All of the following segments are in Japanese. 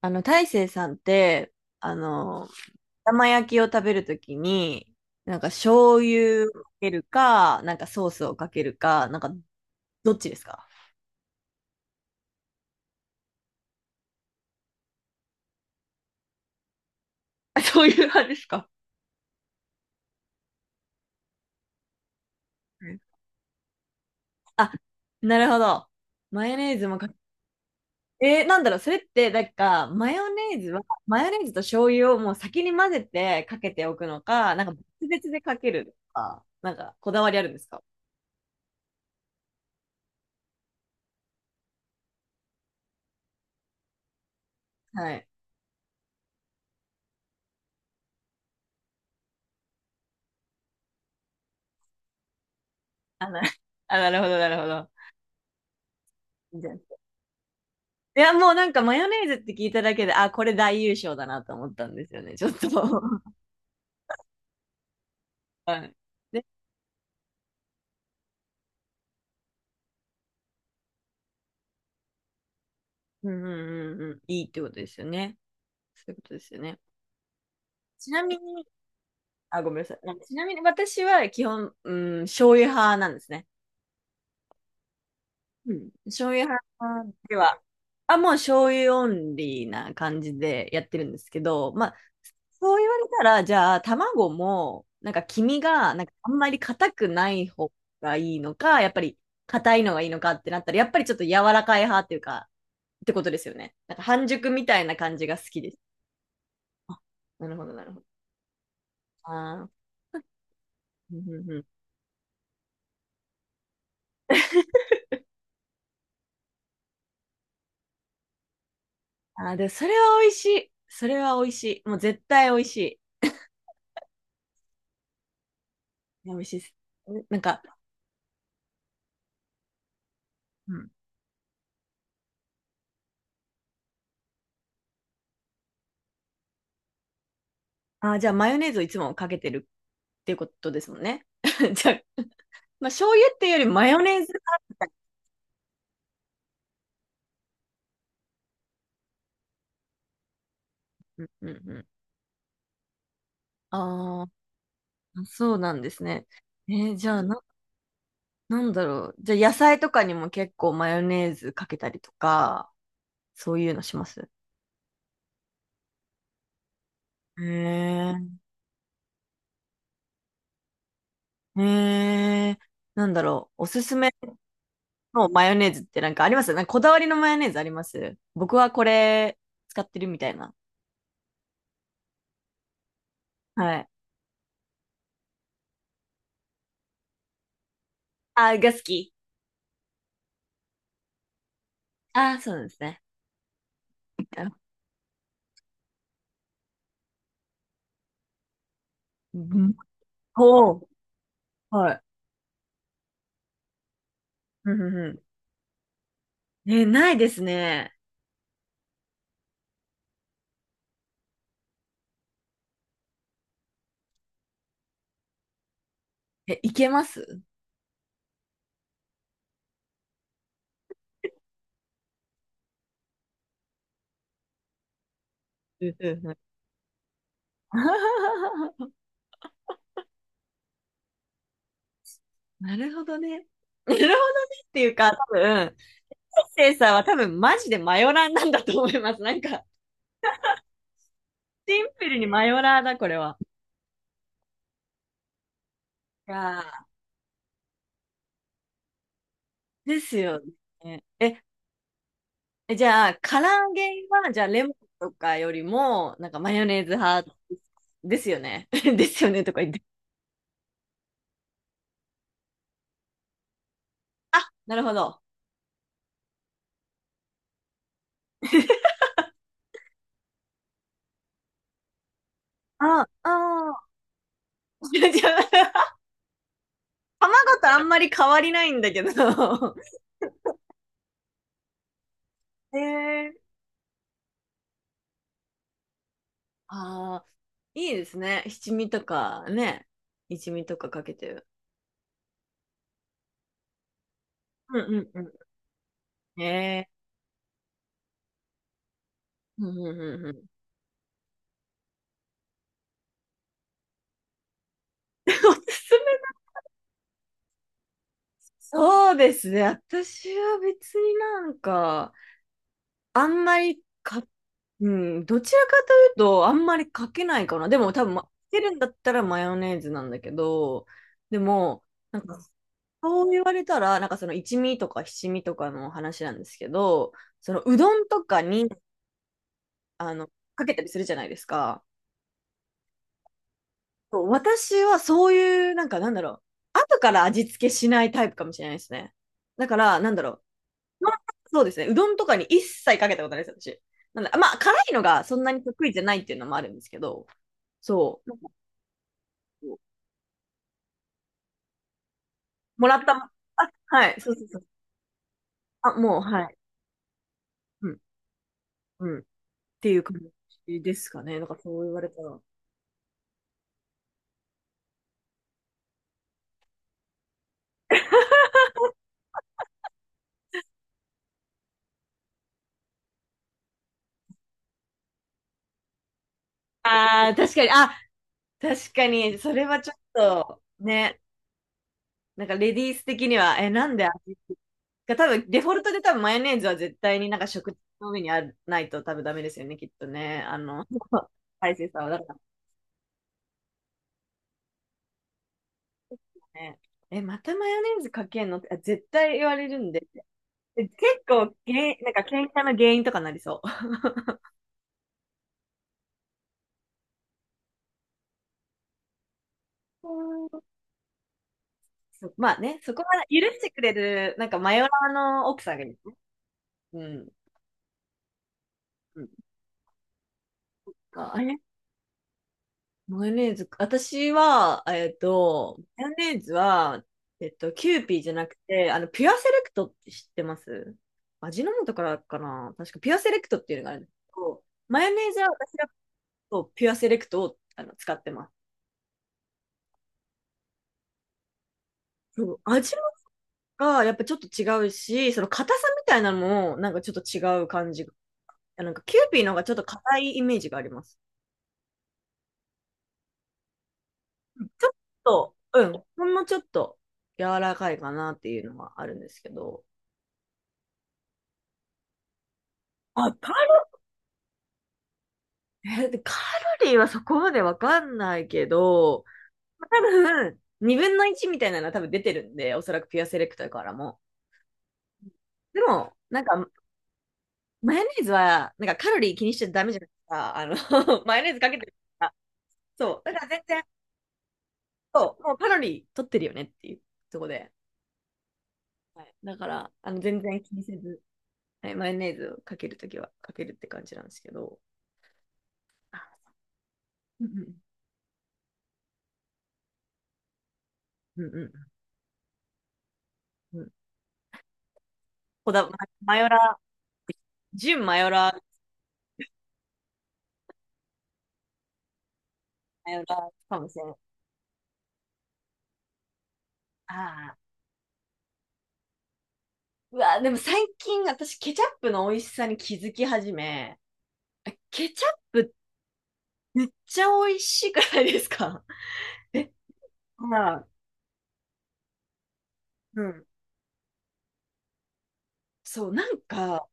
大成さんって、あの、玉焼きを食べるときに、なんか醤油をかけるか、なんかソースをかけるか、なんかどっちですか？あ、 そういう派ですか？うん。あ、なるほど。マヨネーズもかけ、なんだろう、それって、なんか、マヨネーズは、マヨネーズと醤油をもう先に混ぜてかけておくのか、なんか別々でかけるのか、なんかこだわりあるんですか？はい。あ、あ、なるほど、なるほど。いや、もうなんかマヨネーズって聞いただけで、あ、これ大優勝だなと思ったんですよね、ちょっと。はい。で、うんうんうんうん、いいってことですよね。そういうことですよね。ちなみに、あ、ごめんなさい。ちなみに私は基本、うん、醤油派なんですね。うん。醤油派では、あ、もう醤油オンリーな感じでやってるんですけど、まあ、そう言われたら、じゃあ、卵も、なんか黄身が、なんかあんまり硬くない方がいいのか、やっぱり硬いのがいいのかってなったら、やっぱりちょっと柔らかい派っていうか、ってことですよね。なんか半熟みたいな感じが好きです。あ、なるほど、なるほど。あー、うんうんうん。あー、で、それは美味しい。それは美味しい。もう絶対美味しい。いや、美味しいです。なんか、うん。あー、じゃあマヨネーズをいつもかけてるっていうことですもんね。じゃあ、まあ、醤油っていうよりマヨネーズがあるみたいな。うんうん。ああ、そうなんですね。じゃあ、なんだろう。じゃあ野菜とかにも結構マヨネーズかけたりとか、そういうのします？へえ、へえ、なんだろう。おすすめのマヨネーズってなんかあります？なんかこだわりのマヨネーズあります？僕はこれ使ってるみたいな。はい。あー、が好き。ああ、そうなんですね。うん。おー、はい。うんうんうん。え、ないですね。え、いけます？うんうんうん。 なるほどね。なるほどねっていうか、多分、セイさんは多分マジでマヨラーなんだと思います。なんか、シンプルにマヨラーだ、これは。いやーですよね。え、じゃあ、唐揚げは、じゃあ、レモンとかよりも、なんかマヨネーズ派ですよね。ですよねとか言って。なるほど。あ、ああ、じゃあ卵とあんまり変わりないんだけど。へー。ああ、いいですね。七味とかね。一味とかかけてる。うんうんうん。へえー、うんうんうんうん。そうですね。私は別になんか、あんまりか、うん、どちらかというと、あんまりかけないかな。でも多分、まかけるんだったらマヨネーズなんだけど、でも、なんかそう言われたら、なんかその一味とか七味とかの話なんですけど、そのうどんとかにあのかけたりするじゃないですか。そう、私はそういう、なんかなんだろう、後から味付けしないタイプかもしれないですね。だから、なんだろう、まあ、そうですね、うどんとかに一切かけたことないです、私。なんだ、まあ、辛いのがそんなに得意じゃないっていうのもあるんですけど、そう、なんかこうもらった、あ、はい、そうそうそう、あ、もう、はい、うん、うん、っていう感じですかね。なんかそう言われたら。ああ、確かに、あ、確かに、それはちょっと、ね、なんかレディース的には、なんで味が多分、デフォルトで多分マヨネーズは絶対になんか食卓の上にある、ないと多分ダメですよね、きっとね。大勢さんはだからね。え、またマヨネーズかけんのって、あ、絶対言われるんで。え、結構なんか喧嘩の原因とかなりそう。うん。 まあね、そこは許してくれる、なんかマヨラーの奥さんがいる。うん。うん、ああれ、マヨネーズ、私は、マヨネーズは、キューピーじゃなくて、ピュアセレクトって知ってます？味の素からかな、確かピュアセレクトっていうのがあるんですけど、マヨネーズは私だとピュアセレクトを使ってます。そう、味がやっぱちょっと違うし、その硬さみたいなのもなんかちょっと違う感じ。あ、なんかキューピーの方がちょっと硬いイメージがあります。ちょっと、うん、ほんのちょっと柔らかいかなっていうのはあるんですけど。あ、え、でカロリーはそこまでわかんないけど、多分、2分の1みたいなのは多分出てるんで、おそらくピュアセレクトからも。でも、なんか、マヨネーズは、なんかカロリー気にしちゃダメじゃないですか。マヨネーズかけてるから。そう。だから全然、そう、もうカロリー取ってるよねっていうとこで。はい、だから、全然気にせず、はい、マヨネーズをかけるときはかけるって感じなんですけど。あ、うんうんうんうんうん。まマヨラー、純マヨラー、マヨラーかもしれない。ああ。うわ、でも最近私ケチャップの美味しさに気づき始め、ケチャップめっちゃ美味しくないですか？ え、まあ、うん。そう、なんか、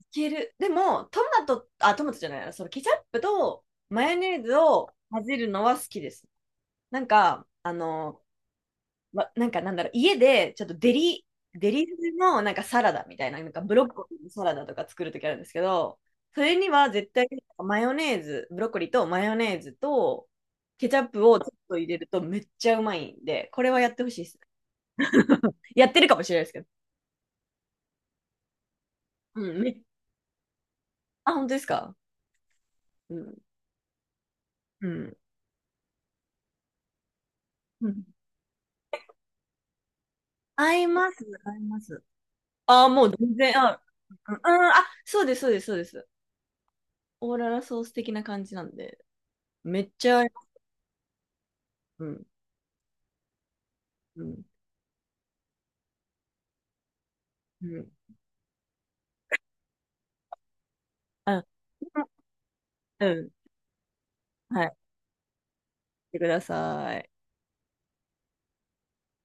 いける。でも、トマト、あ、トマトじゃないな、そのケチャップとマヨネーズを混ぜるのは好きです。なんか、ま、なんかなんだろう、家でちょっとデリのなんかサラダみたいな、なんかブロッコリーのサラダとか作るときあるんですけど、それには絶対マヨネーズ、ブロッコリーとマヨネーズとケチャップをちょっと入れるとめっちゃうまいんで、これはやってほしいです。やってるかもしれないですけど。うん、あ、本当ですか？うん。うん。うん、合います。合います。ああ、もう全然、あ、うん、うん、あ、そうです、そうです、そうです。オーララソース的な感じなんで、めっちゃ合います、うん、うん、うん。うん。うん。はい。してください。